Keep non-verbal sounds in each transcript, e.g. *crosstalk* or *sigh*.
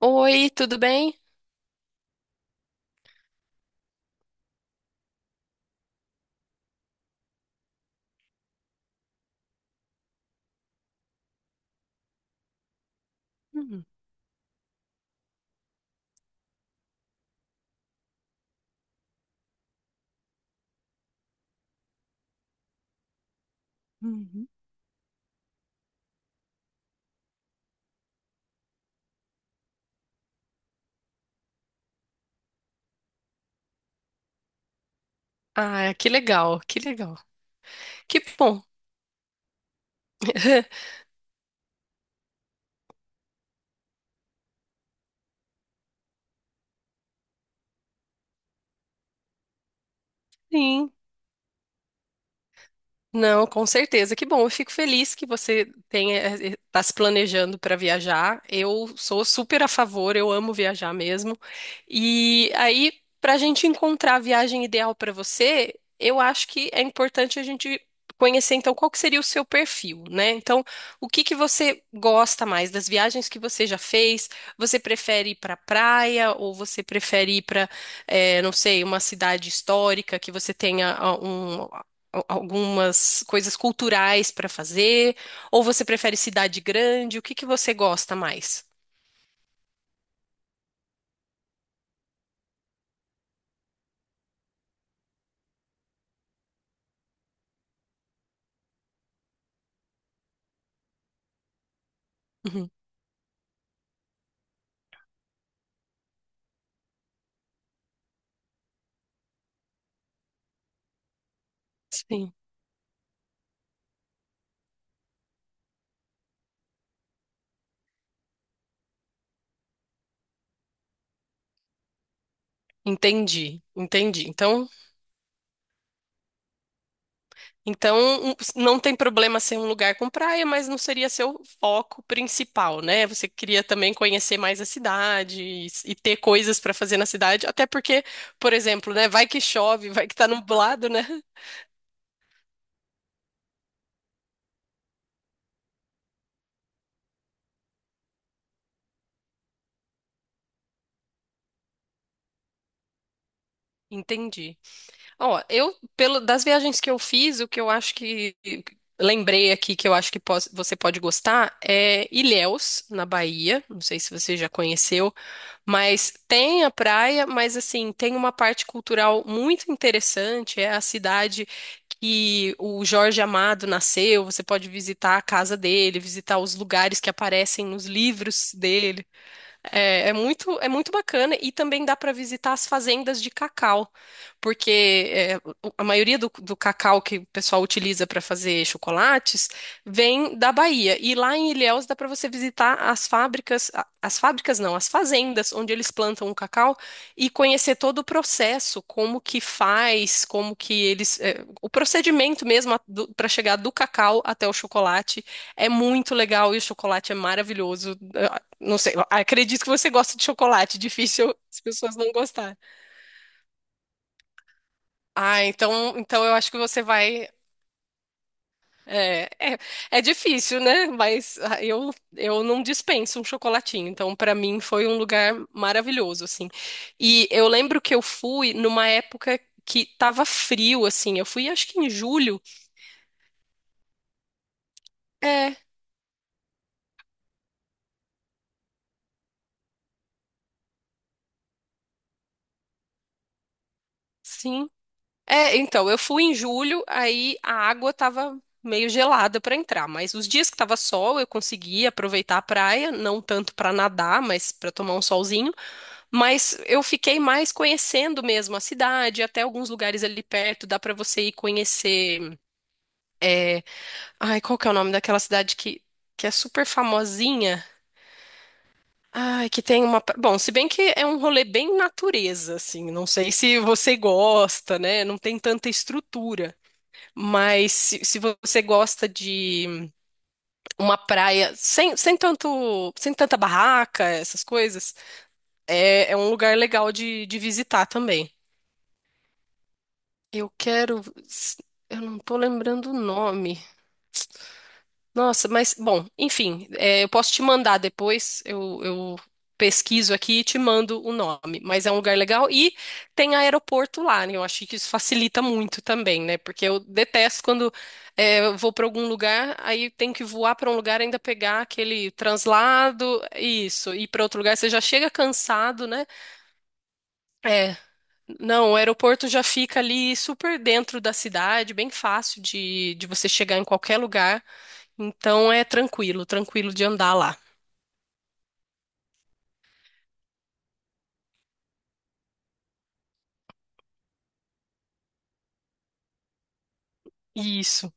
Oi, tudo bem? Hum, hum. Ah, que legal, que legal. Que bom. *laughs* Sim. Não, com certeza. Que bom. Eu fico feliz que você tenha, está se planejando para viajar. Eu sou super a favor, eu amo viajar mesmo. E aí, para a gente encontrar a viagem ideal para você, eu acho que é importante a gente conhecer, então, qual que seria o seu perfil, né? Então, o que que você gosta mais das viagens que você já fez? Você prefere ir para praia ou você prefere ir para, não sei, uma cidade histórica que você tenha um algumas coisas culturais para fazer? Ou você prefere cidade grande? O que que você gosta mais? Uhum. Sim. Entendi, entendi. Então, então não tem problema ser um lugar com praia, mas não seria seu foco principal, né? Você queria também conhecer mais a cidade e, e ter coisas para fazer na cidade, até porque, por exemplo, né, vai que chove, vai que tá nublado, né? Entendi. Ó, eu, pelo, das viagens que eu fiz, o que eu acho que lembrei aqui que eu acho que você pode gostar é Ilhéus, na Bahia. Não sei se você já conheceu, mas tem a praia, mas assim, tem uma parte cultural muito interessante. É a cidade que o Jorge Amado nasceu. Você pode visitar a casa dele, visitar os lugares que aparecem nos livros dele. É muito bacana e também dá para visitar as fazendas de cacau, porque é, a maioria do, do cacau que o pessoal utiliza para fazer chocolates vem da Bahia. E lá em Ilhéus dá para você visitar as fábricas, as fábricas não, as fazendas onde eles plantam o cacau e conhecer todo o processo, como que faz, como que eles, é, o procedimento mesmo para chegar do cacau até o chocolate. É muito legal e o chocolate é maravilhoso. Não sei, acredito que você gosta de chocolate, difícil as pessoas não gostarem. Ah, então, então eu acho que você vai. É, é, é difícil, né? Mas eu não dispenso um chocolatinho. Então, para mim, foi um lugar maravilhoso, assim. E eu lembro que eu fui numa época que tava frio, assim. Eu fui, acho que em julho. É, sim. É, então, eu fui em julho, aí a água tava meio gelada pra entrar, mas os dias que tava sol eu consegui aproveitar a praia, não tanto pra nadar, mas pra tomar um solzinho, mas eu fiquei mais conhecendo mesmo a cidade, até alguns lugares ali perto, dá pra você ir conhecer. é, Ai, qual que é o nome daquela cidade que é super famosinha? Ai, que tem uma. Bom, se bem que é um rolê bem natureza, assim. Não sei se você gosta, né? Não tem tanta estrutura. Mas se você gosta de uma praia sem tanta barraca, essas coisas, é, é um lugar legal de visitar também. Eu quero. Eu não tô lembrando o nome. Nossa, mas, bom, enfim, é, eu posso te mandar depois, eu pesquiso aqui e te mando o nome, mas é um lugar legal e tem aeroporto lá, né? Eu acho que isso facilita muito também, né? Porque eu detesto quando é, eu vou para algum lugar, aí tem que voar para um lugar, ainda pegar aquele translado, isso, e para outro lugar você já chega cansado, né? É, não, o aeroporto já fica ali super dentro da cidade, bem fácil de você chegar em qualquer lugar. Então é tranquilo, tranquilo de andar lá. Isso.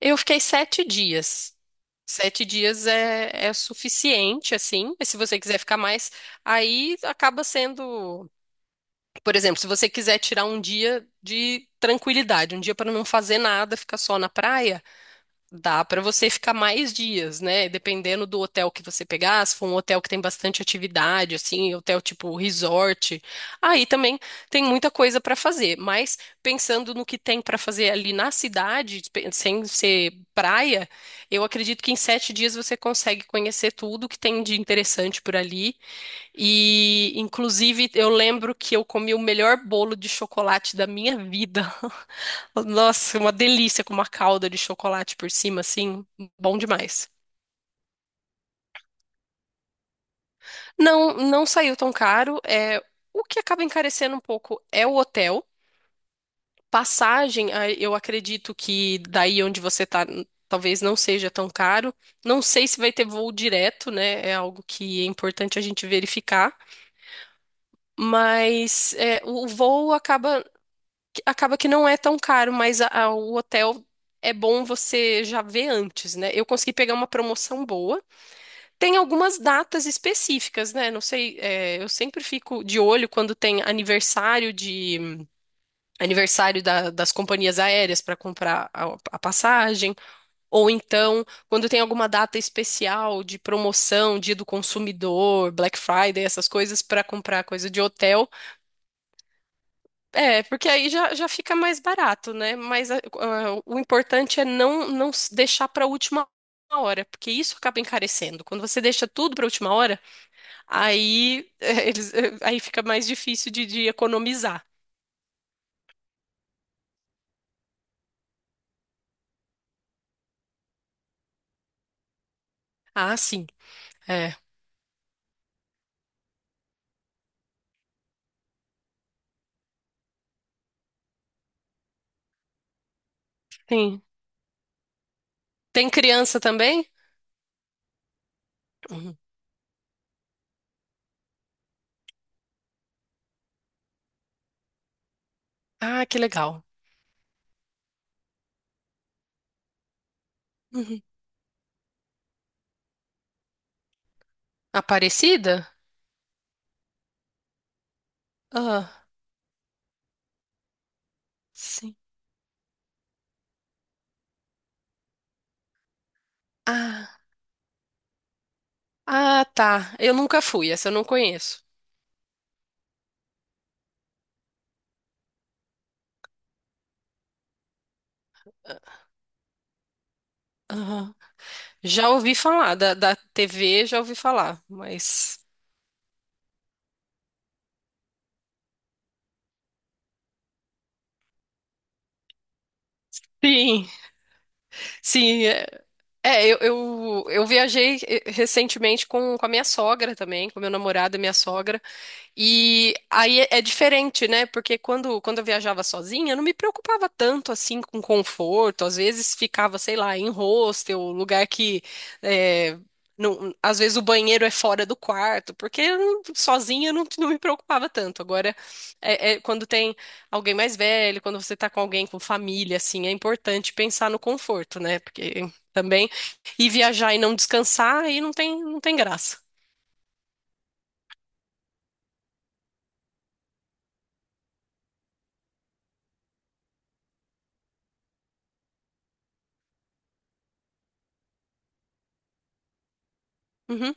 Eu fiquei sete dias. Sete dias é suficiente, assim. Mas se você quiser ficar mais, aí acaba sendo. Por exemplo, se você quiser tirar um dia de tranquilidade, um dia para não fazer nada, ficar só na praia. Dá para você ficar mais dias, né? Dependendo do hotel que você pegar, se for um hotel que tem bastante atividade, assim, hotel tipo resort, aí também tem muita coisa para fazer. Mas pensando no que tem para fazer ali na cidade, sem ser praia, eu acredito que em sete dias você consegue conhecer tudo que tem de interessante por ali e, inclusive, eu lembro que eu comi o melhor bolo de chocolate da minha vida. *laughs* Nossa, uma delícia com uma calda de chocolate por cima, assim, bom demais. Não, não saiu tão caro. É, o que acaba encarecendo um pouco é o hotel. Passagem, ah, eu acredito que daí onde você tá, talvez não seja tão caro. Não sei se vai ter voo direto, né? É algo que é importante a gente verificar. Mas é, o voo acaba que não é tão caro, mas o hotel é bom você já ver antes, né? Eu consegui pegar uma promoção boa. Tem algumas datas específicas, né? Não sei, é, eu sempre fico de olho quando tem aniversário das companhias aéreas para comprar a passagem, ou então quando tem alguma data especial de promoção, dia do consumidor, Black Friday, essas coisas para comprar coisa de hotel. É, porque aí já, já fica mais barato, né? Mas o importante é não, não deixar para a última hora, porque isso acaba encarecendo. Quando você deixa tudo para a última hora, aí, *laughs* eles, aí fica mais difícil de economizar. Ah, sim. É. Sim. Tem criança também? Uhum. Ah, que legal. Uhum. Aparecida? Ah, sim. Ah, ah, tá. Eu nunca fui, essa eu não conheço. Aham. Já ouvi falar da TV, já ouvi falar, mas sim, sim, eu viajei recentemente com a minha sogra também, com meu namorado e minha sogra. E aí é diferente, né? Porque quando, quando eu viajava sozinha, eu não me preocupava tanto assim com conforto. Às vezes ficava, sei lá, em hostel, lugar que é, às vezes o banheiro é fora do quarto, porque eu sozinha eu não, não me preocupava tanto. Agora, é quando tem alguém mais velho, quando você tá com alguém com família, assim, é importante pensar no conforto, né? Porque também ir viajar e não descansar aí não tem, não tem graça. Uhum.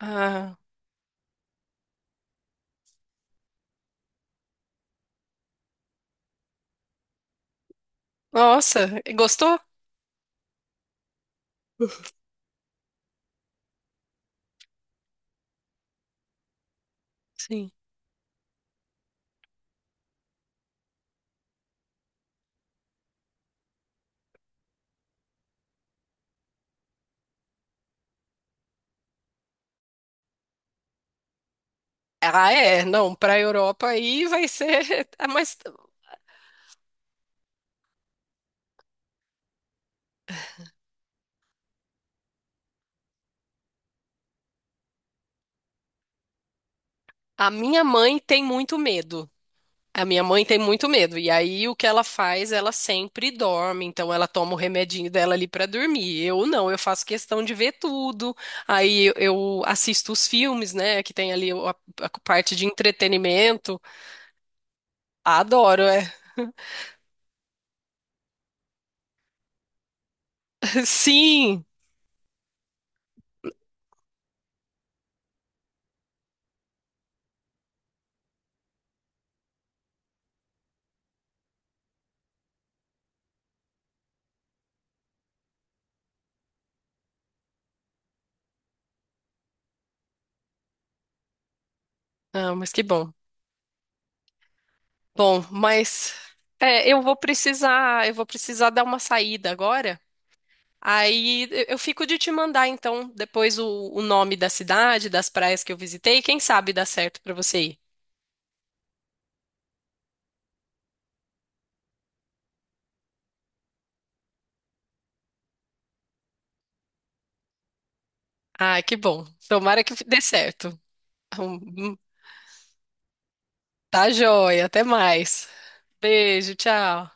Ah, nossa, gostou? Sim. Ah, é. Não, para a Europa aí vai ser. *laughs* Ah, mas a minha mãe tem muito medo. A minha mãe tem muito medo. E aí o que ela faz? Ela sempre dorme. Então ela toma o remedinho dela ali para dormir. Eu não, eu faço questão de ver tudo. Aí eu assisto os filmes, né? Que tem ali a parte de entretenimento. Adoro, é. *laughs* Sim. Ah, mas que bom. Bom, mas é, eu vou precisar dar uma saída agora. Aí eu fico de te mandar, então, depois o nome da cidade, das praias que eu visitei. Quem sabe dá certo pra você ir. Ah, que bom. Tomara que dê certo. Hum, Tá joia. Até mais. Beijo, tchau.